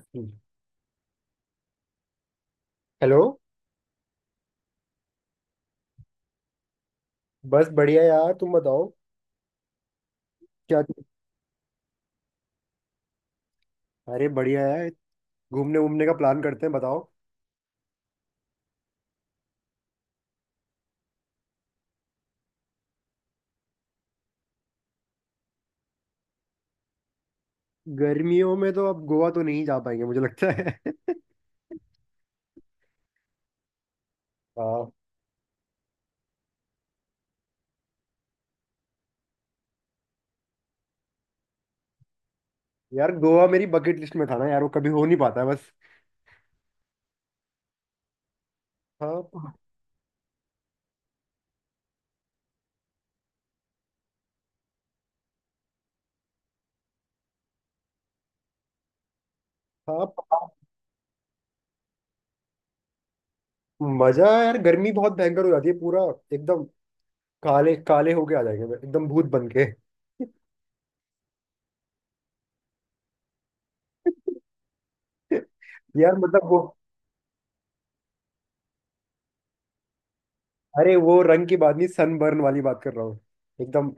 हम्म। Hello. बस बढ़िया यार, तुम बताओ। क्या? अरे बढ़िया है। घूमने घूमने का प्लान करते हैं, बताओ। गर्मियों में तो अब गोवा तो नहीं जा पाएंगे मुझे लगता है। हाँ। यार गोवा मेरी बकेट लिस्ट में था ना यार, वो कभी हो नहीं पाता है बस। हाँ। हाँ प- मजा है यार, गर्मी बहुत भयंकर हो जाती है पूरा। एकदम काले काले होके आ जाएंगे एकदम भूत बन के। यार मतलब वो। अरे वो रंग की बात नहीं, सनबर्न वाली बात कर रहा हूँ एकदम।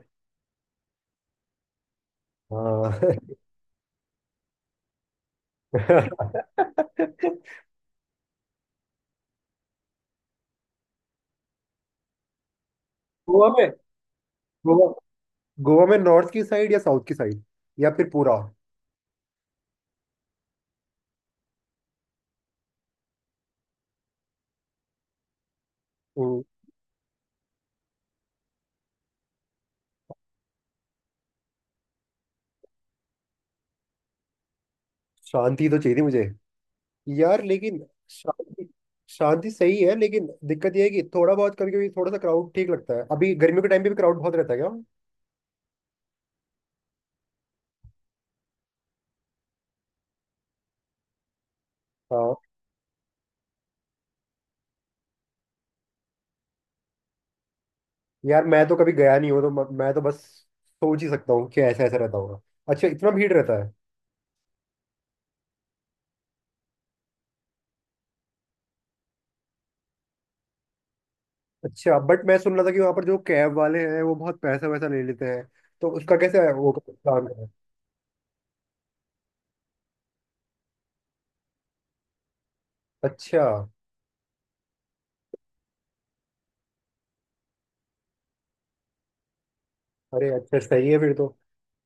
हाँ। गोवा में। गोवा। गोवा में नॉर्थ की साइड या साउथ की साइड? या फिर पूरा? हम्म, शांति तो चाहिए थी मुझे यार, लेकिन शांति। शांति सही है, लेकिन दिक्कत यह है कि थोड़ा बहुत, कभी कभी थोड़ा सा क्राउड ठीक लगता है। अभी गर्मियों के टाइम पे भी क्राउड बहुत रहता है क्या? हाँ। यार मैं तो कभी गया नहीं हूँ, तो मैं तो बस सोच ही सकता हूँ कि ऐसा ऐसा रहता होगा। अच्छा, इतना भीड़ रहता है? अच्छा बट मैं सुन रहा था कि वहाँ पर जो कैब वाले हैं वो बहुत पैसा वैसा ले लेते हैं, तो उसका कैसे है वो प्लान है? अच्छा। अरे अच्छा, सही है फिर तो।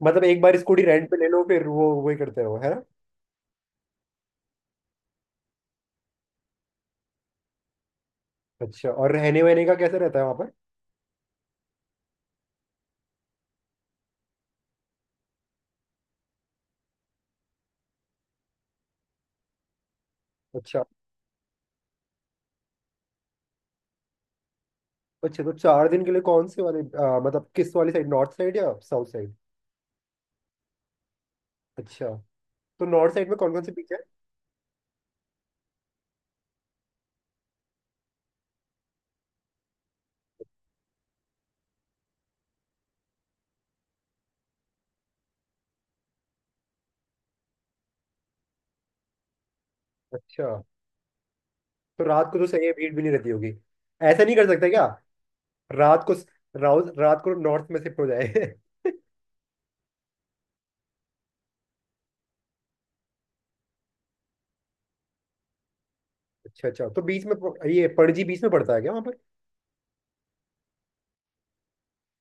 मतलब एक बार स्कूटी रेंट पे ले लो, फिर वो वही करते रहो, है ना? अच्छा, और रहने वहने का कैसे रहता है वहाँ पर? अच्छा। अच्छा तो चार दिन के लिए कौन से वाले मतलब किस वाली साइड, नॉर्थ साइड या साउथ साइड? अच्छा, तो नॉर्थ साइड में कौन कौन से बीच है? अच्छा, तो रात को तो सही है, भीड़ भी नहीं रहती होगी। ऐसा नहीं कर सकते क्या? रात को? राउस रात को नॉर्थ में शिफ्ट हो जाए। अच्छा अच्छा, तो बीच में ये पणजी बीच में पड़ता है क्या वहाँ पर?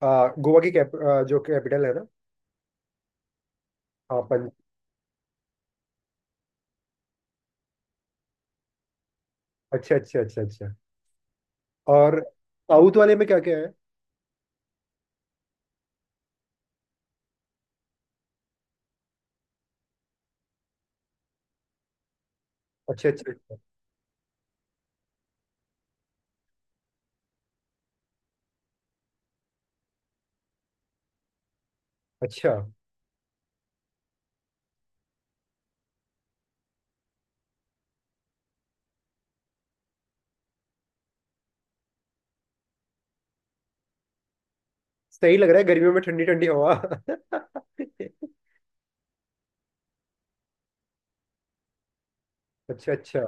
गोवा की जो कैपिटल है ना। हाँ, पणजी। अच्छा अच्छा अच्छा अच्छा। और साउथ वाले में क्या क्या है? अच्छा अच्छा अच्छा। अच्छा, सही लग रहा है गर्मियों में ठंडी ठंडी हवा। अच्छा अच्छा।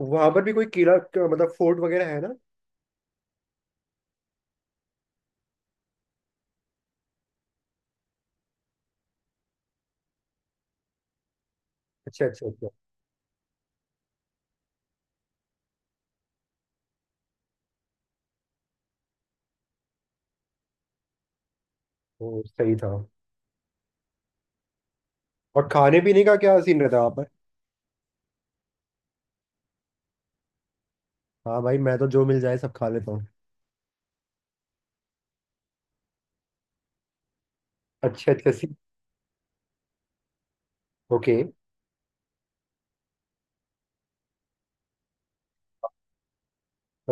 वहां पर भी कोई किला मतलब फोर्ट वगैरह है ना? अच्छा अच्छा अच्छा। वो सही था। और खाने पीने का क्या सीन रहता है वहाँ पर? हाँ भाई, मैं तो जो मिल जाए सब खा लेता हूँ। अच्छा अच्छा सी। ओके।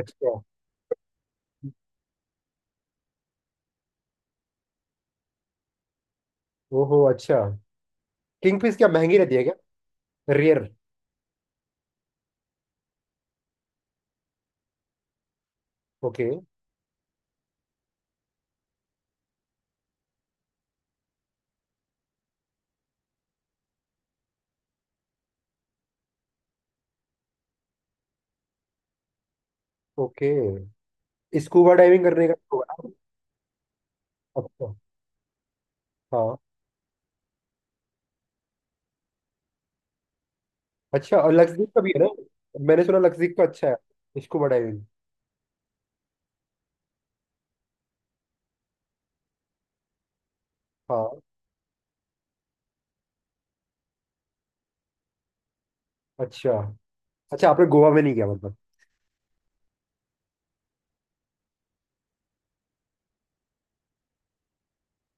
अच्छा। ओहो अच्छा। किंग फिश क्या महंगी रहती है क्या? Rare? Okay. Okay, scuba diving करने का होगा। अच्छा। हाँ। अच्छा, और लक्षदीप का भी है ना। मैंने सुना लक्षदीप का अच्छा है स्कूबा डाइविंग। हाँ। अच्छा, अच्छा आपने गोवा में नहीं गया मतलब?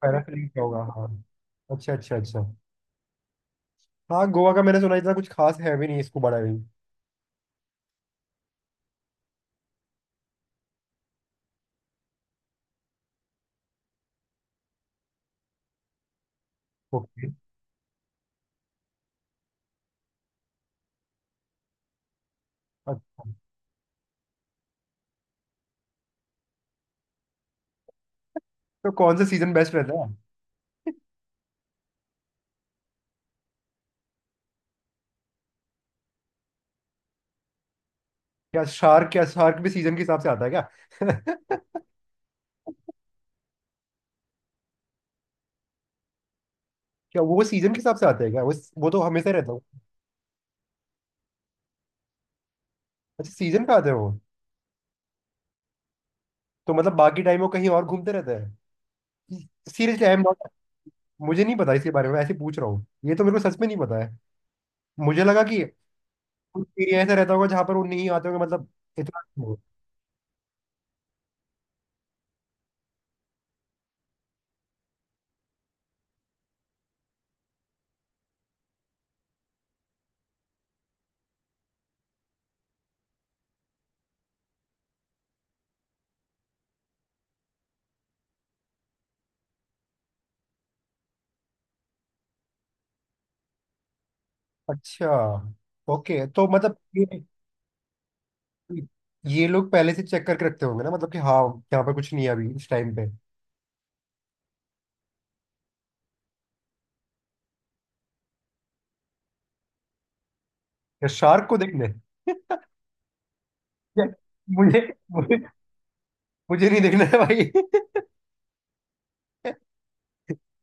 पैरासेलिंग क्या होगा? हाँ। अच्छा अच्छा अच्छा। हाँ, गोवा का मैंने सुना इतना कुछ खास है भी नहीं स्कूबा डाइविंग। ओके। अच्छा, तो कौन सा सीजन बेस्ट रहता है? क्या, शार्क, क्या शार्क भी सीजन के हिसाब से आता है क्या? क्या, वो सीजन के हिसाब से आता है क्या वो? वो तो हमेशा रहता हूँ। अच्छा, सीजन का आते हैं वो? तो मतलब बाकी टाइम वो कहीं और घूमते रहते हैं? Seriously I am not. मुझे नहीं पता इसके बारे में, ऐसे पूछ रहा हूँ, ये तो मेरे को सच में नहीं पता। मुझे लगा कि उस एरिया ऐसा रहता होगा जहां पर वो नहीं आते होंगे मतलब। इतना। अच्छा। ओके, तो मतलब ये लोग पहले से चेक करके रखते होंगे ना मतलब, कि हाँ यहाँ पर कुछ नहीं है अभी इस टाइम पे। या शार्क को देखने? या- मुझे मुझे। मुझे नहीं देखना है भाई।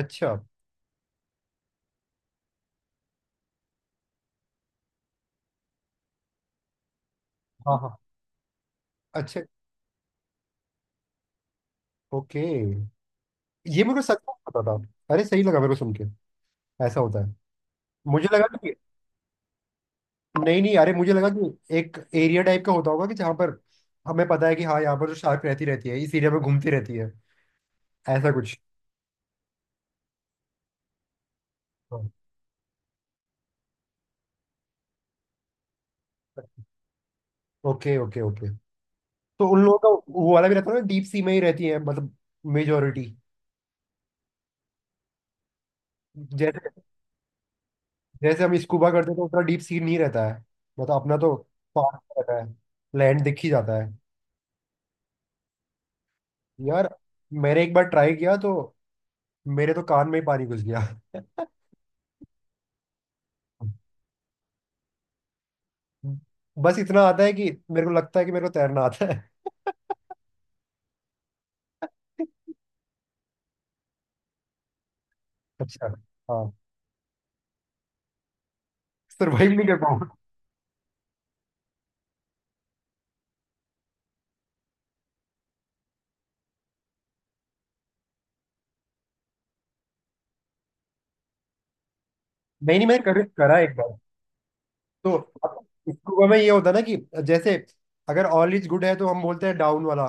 अच्छा। हाँ हाँ। अच्छा। ओके। ये मेरे को सच में पता था। अरे सही लगा मेरे को सुन के, ऐसा होता है। मुझे लगा कि, नहीं नहीं, अरे मुझे लगा कि एक एरिया टाइप का होता होगा कि जहाँ पर हमें पता है कि हाँ यहाँ पर जो शार्क रहती रहती है इस एरिया में घूमती रहती है, ऐसा कुछ। Okay okay okay. तो उन लोगों का वो वाला भी रहता है ना, डीप सी में ही रहती है मतलब, मेजोरिटी। जैसे, जैसे हम स्कूबा करते हैं तो उतना डीप सी नहीं रहता है, मतलब अपना तो पार रहता है, लैंड दिख ही जाता है यार। मैंने एक बार ट्राई किया तो मेरे तो कान में ही पानी घुस गया। बस इतना आता है कि मेरे को लगता है कि मेरे को तैरना आता है। अच्छा। हाँ, सरवाइव नहीं कर पाऊंगा। नहीं नहीं, मैंने करा एक बार। तो अब स्कूबा में ये होता है ना कि, जैसे, अगर ऑल इज गुड है तो हम बोलते हैं डाउन वाला,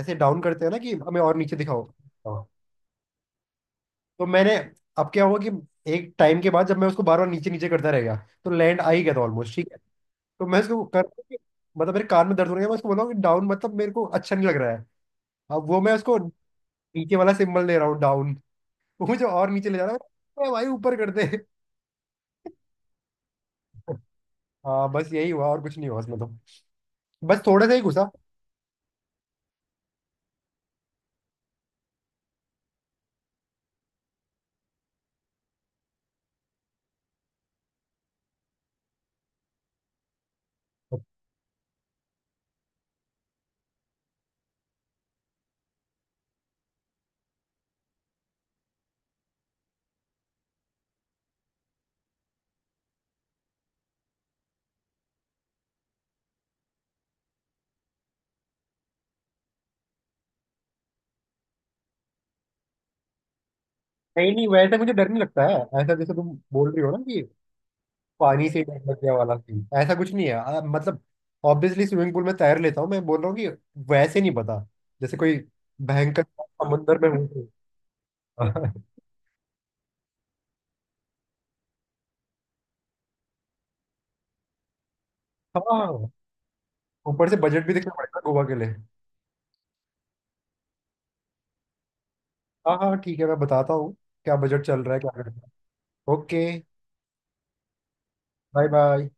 ऐसे डाउन करते हैं ना कि हमें और नीचे दिखाओ। हाँ। तो मैंने, अब क्या हुआ कि एक टाइम के बाद जब मैं उसको बार बार नीचे नीचे करता रह गया, तो लैंड आ ही गया था ऑलमोस्ट, ठीक है? तो मैं उसको मतलब मेरे कान में दर्द हो रहा है, मैं उसको बोल रहा हूँ कि डाउन, मतलब मेरे को अच्छा नहीं लग रहा है। अब वो, मैं उसको नीचे वाला सिंबल दे रहा हूँ डाउन, वो मुझे और नीचे ले जा रहा है। मैं, भाई ऊपर कर दे। हाँ बस यही हुआ, और कुछ नहीं हुआ उसमें तो, बस थोड़ा सा ही घुसा। नहीं नहीं, वैसे मुझे डर नहीं लगता है। ऐसा जैसे तुम बोल रही हो ना कि पानी से ही डर लग गया वाला सीन, ऐसा कुछ नहीं है। मतलब ऑब्वियसली स्विमिंग पूल में तैर लेता हूँ। मैं बोल रहा हूँ कि वैसे नहीं पता, जैसे कोई भयंकर समुंदर में हूँ तो। हाँ। हाँ, हाँ। ऊपर से बजट भी देखना पड़ेगा गोवा के लिए। हाँ हाँ ठीक है, मैं बताता हूँ क्या बजट चल रहा है क्या। ओके। Bye bye.